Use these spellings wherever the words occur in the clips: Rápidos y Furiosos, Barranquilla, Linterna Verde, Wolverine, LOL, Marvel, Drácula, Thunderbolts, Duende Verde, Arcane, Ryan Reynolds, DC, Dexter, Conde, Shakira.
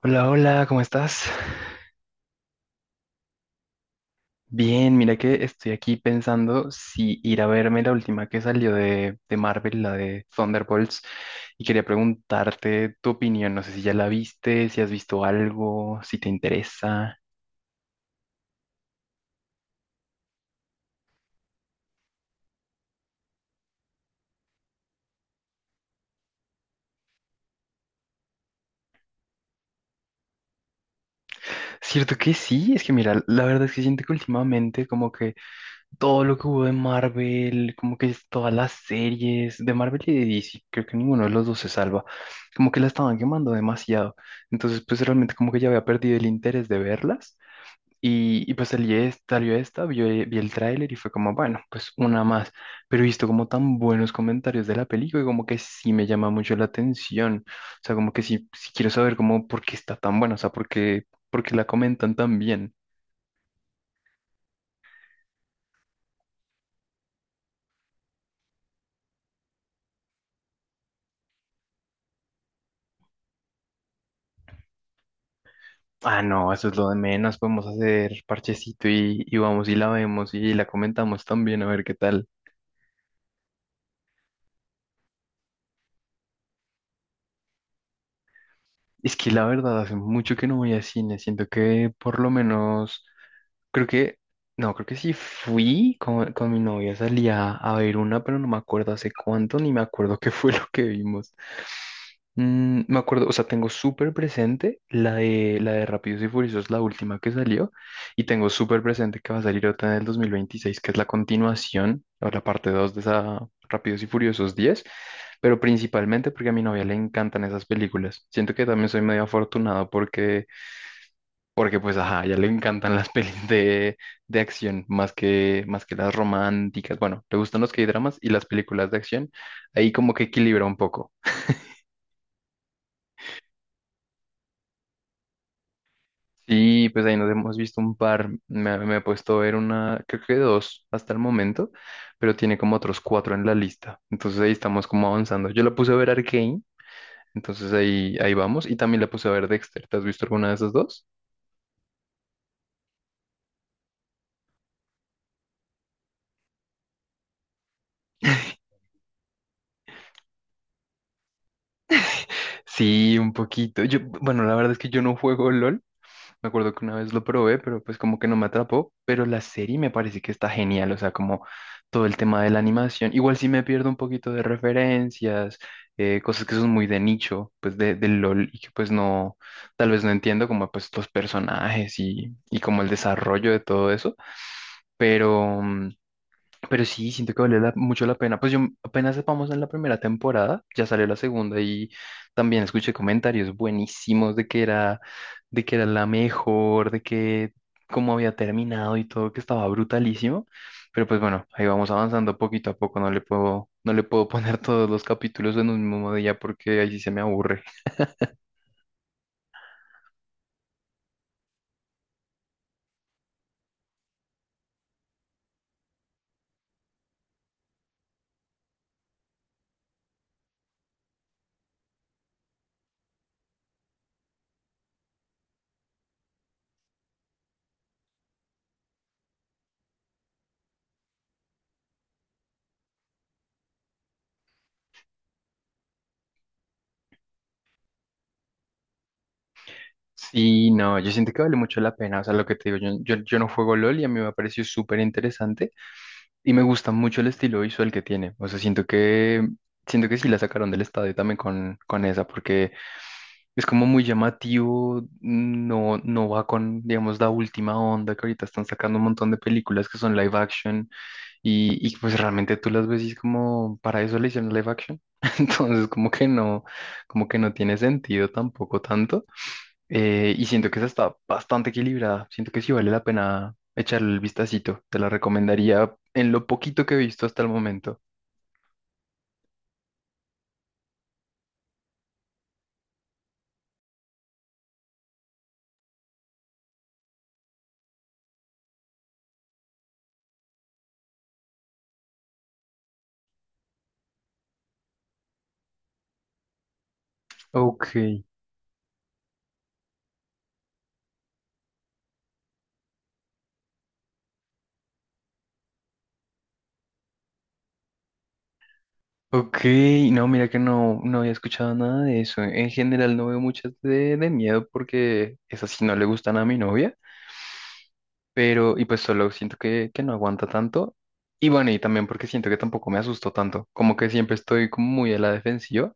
Hola, hola, ¿cómo estás? Bien, mira que estoy aquí pensando si ir a verme la última que salió de Marvel, la de Thunderbolts, y quería preguntarte tu opinión, no sé si ya la viste, si has visto algo, si te interesa. Cierto que sí, es que mira, la verdad es que siento que últimamente como que todo lo que hubo de Marvel, como que es todas las series de Marvel y de DC, creo que ninguno de los dos se salva, como que la estaban quemando demasiado. Entonces, pues realmente como que ya había perdido el interés de verlas. Y pues salió esta, vi el tráiler y fue como, bueno, pues una más. Pero he visto como tan buenos comentarios de la película y como que sí me llama mucho la atención. O sea, como que sí, sí quiero saber como por qué está tan buena, o sea, por qué la comentan tan bien. Ah, no, eso es lo de menos. Podemos hacer parchecito y vamos y la vemos y la comentamos también a ver qué tal. Es que la verdad, hace mucho que no voy a cine. Siento que por lo menos. Creo que, no, creo que sí fui con mi novia, salí a ver una, pero no me acuerdo hace cuánto, ni me acuerdo qué fue lo que vimos. Me acuerdo, o sea, tengo súper presente la de, Rápidos y Furiosos, la última que salió, y tengo súper presente que va a salir otra en el 2026, que es la continuación, o la parte 2 de esa Rápidos y Furiosos 10, pero principalmente porque a mi novia le encantan esas películas. Siento que también soy medio afortunado porque pues, ajá, ya le encantan las pelis de acción más que las románticas. Bueno, le gustan los K-dramas y las películas de acción. Ahí como que equilibra un poco. Sí, pues ahí nos hemos visto un par. Me he puesto a ver una, creo que dos hasta el momento, pero tiene como otros cuatro en la lista. Entonces ahí estamos como avanzando. Yo la puse a ver Arcane, entonces ahí, vamos. Y también la puse a ver Dexter. ¿Te has visto alguna de esas dos? Sí, un poquito. Yo, bueno, la verdad es que yo no juego LOL. Me acuerdo que una vez lo probé, pero pues como que no me atrapó. Pero la serie me parece que está genial, o sea, como todo el tema de la animación. Igual sí me pierdo un poquito de referencias, cosas que son muy de nicho, pues de, del LOL y que pues no, tal vez no entiendo como pues los personajes y como el desarrollo de todo eso. Pero, mm, pero sí, siento que mucho la pena. Pues yo apenas vamos en la primera temporada, ya salió la segunda y también escuché comentarios buenísimos de que era la mejor, de que cómo había terminado y todo, que estaba brutalísimo. Pero pues bueno, ahí vamos avanzando poquito a poco. No le puedo poner todos los capítulos en un mismo día porque ahí sí se me aburre. Sí, no, yo siento que vale mucho la pena. O sea, lo que te digo, yo no juego LOL y a mí me pareció súper interesante. Y me gusta mucho el estilo visual que tiene. O sea, siento que sí la sacaron del estadio también con esa, porque es como muy llamativo, no, no va con, digamos, la última onda que ahorita están sacando un montón de películas que son live action y pues realmente tú las ves y es como, para eso le hicieron live action. Entonces, como que no, tiene sentido tampoco tanto. Y siento que esa está bastante equilibrada. Siento que sí vale la pena echarle el vistacito. Te la recomendaría en lo poquito que he visto hasta el momento. Ok, ok. No, mira que no, no había escuchado nada de eso. En general no veo muchas de miedo porque esas sí no le gustan a mi novia. Pero, y pues solo siento que, no aguanta tanto. Y bueno, y también porque siento que tampoco me asusto tanto. Como que siempre estoy como muy a la defensiva.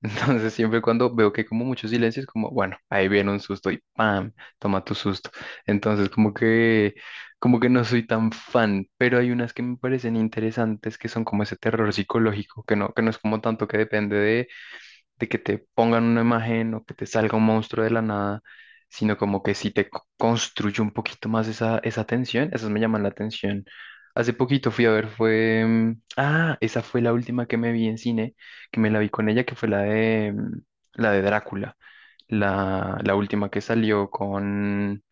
Entonces, siempre cuando veo que hay como mucho silencio, es como, bueno, ahí viene un susto y ¡pam! Toma tu susto. Entonces, como que, no soy tan fan, pero hay unas que me parecen interesantes que son como ese terror psicológico, que no es como tanto que depende de que te pongan una imagen o que te salga un monstruo de la nada, sino como que sí te construye un poquito más esa tensión, esas me llaman la atención. Hace poquito fui a ver. Ah, esa fue la última que me vi en cine, que me la vi con ella, que fue la de, mm, la de Drácula, la última que salió con,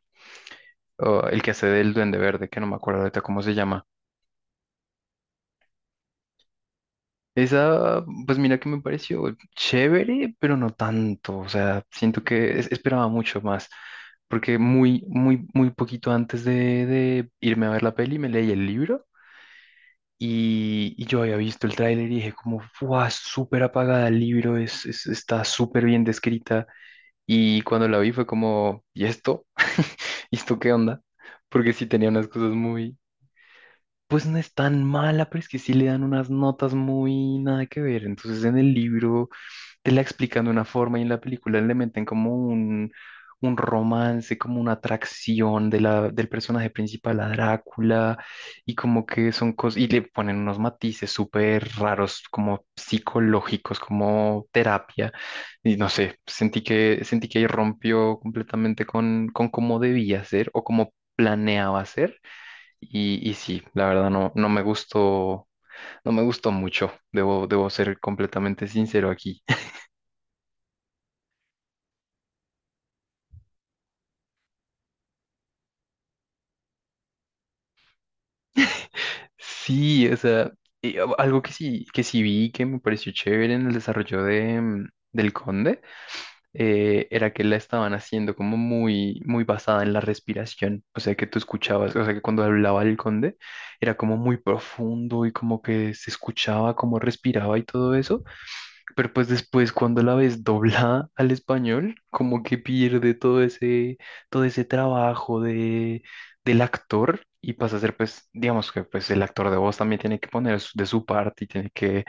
oh, el que hace del Duende Verde, que no me acuerdo ahorita cómo se llama. Esa, pues mira que me pareció chévere, pero no tanto. O sea, siento que esperaba mucho más, porque muy, muy, muy poquito antes de irme a ver la peli me leí el libro y yo había visto el tráiler y dije como, ¡guau! Súper apagada el libro, es, está súper bien descrita. Y cuando la vi fue como, ¿y esto? ¿Y esto qué onda? Porque sí tenía unas cosas muy, pues no es tan mala, pero es que sí le dan unas notas muy nada que ver. Entonces en el libro te la explican de una forma y en la película le meten como un, romance, como una atracción de la, del personaje principal a Drácula, y como que son cosas, y le ponen unos matices súper raros, como psicológicos, como terapia. Y no sé, sentí que, ahí rompió completamente con cómo debía ser o cómo planeaba ser. Y sí, la verdad no, no me gustó, no me gustó mucho, debo ser completamente sincero aquí. Sí, o sea, y algo que sí vi que me pareció chévere en el desarrollo de, del Conde, era que la estaban haciendo como muy, muy basada en la respiración. O sea, que tú escuchabas, o sea, que cuando hablaba el Conde era como muy profundo y como que se escuchaba cómo respiraba y todo eso. Pero pues después cuando la ves doblada al español, como que pierde todo ese, trabajo de, del actor y pasa a ser pues, digamos que pues el actor de voz también tiene que poner de su parte y tiene que,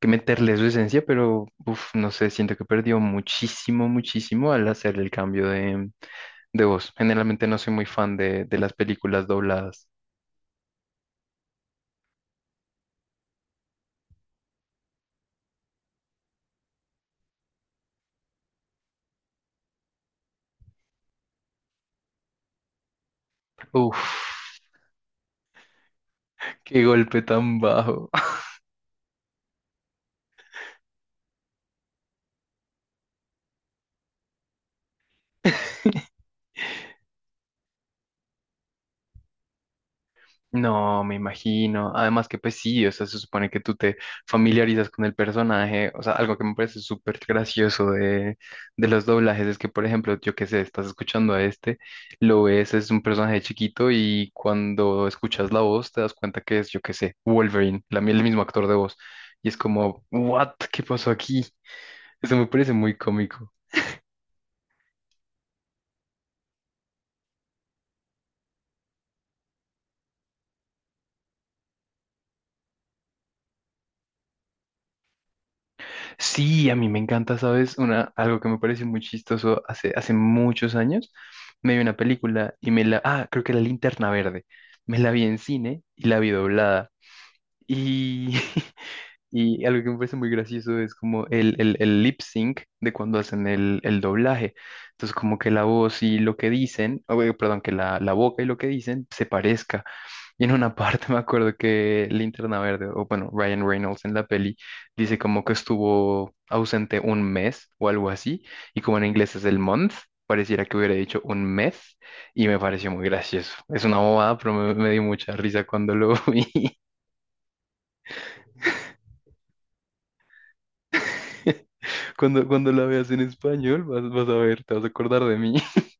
que meterle su esencia, pero uf, no sé, siento que perdió muchísimo, muchísimo al hacer el cambio de voz. Generalmente no soy muy fan de las películas dobladas. Uf, qué golpe tan bajo. No, me imagino. Además que pues sí, o sea, se supone que tú te familiarizas con el personaje. O sea, algo que me parece súper gracioso de los doblajes es que, por ejemplo, yo qué sé, estás escuchando a este, lo ves, es un personaje chiquito y cuando escuchas la voz te das cuenta que es, yo qué sé, Wolverine, la, el mismo actor de voz. Y es como, ¿what? ¿Qué pasó aquí? Eso me parece muy cómico. Sí, a mí me encanta, ¿sabes? Una, algo que me pareció muy chistoso hace, muchos años. Me vi una película Ah, creo que era Linterna Verde. Me la vi en cine y la vi doblada. Y, y algo que me parece muy gracioso es como el, lip sync de cuando hacen el doblaje. Entonces, como que la voz y lo que dicen, o, perdón, que la boca y lo que dicen se parezca. Y en una parte me acuerdo que Linterna Verde, o bueno, Ryan Reynolds en la peli, dice como que estuvo ausente un mes o algo así, y como en inglés es el month, pareciera que hubiera dicho un mes, y me pareció muy gracioso. Es una bobada, pero me dio mucha risa cuando lo vi. Cuando la veas en español, vas a ver, te vas a acordar de mí.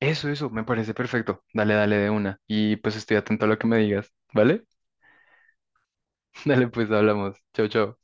Eso, me parece perfecto. Dale, dale de una. Y pues estoy atento a lo que me digas, ¿vale? Dale, pues hablamos. Chao, chao.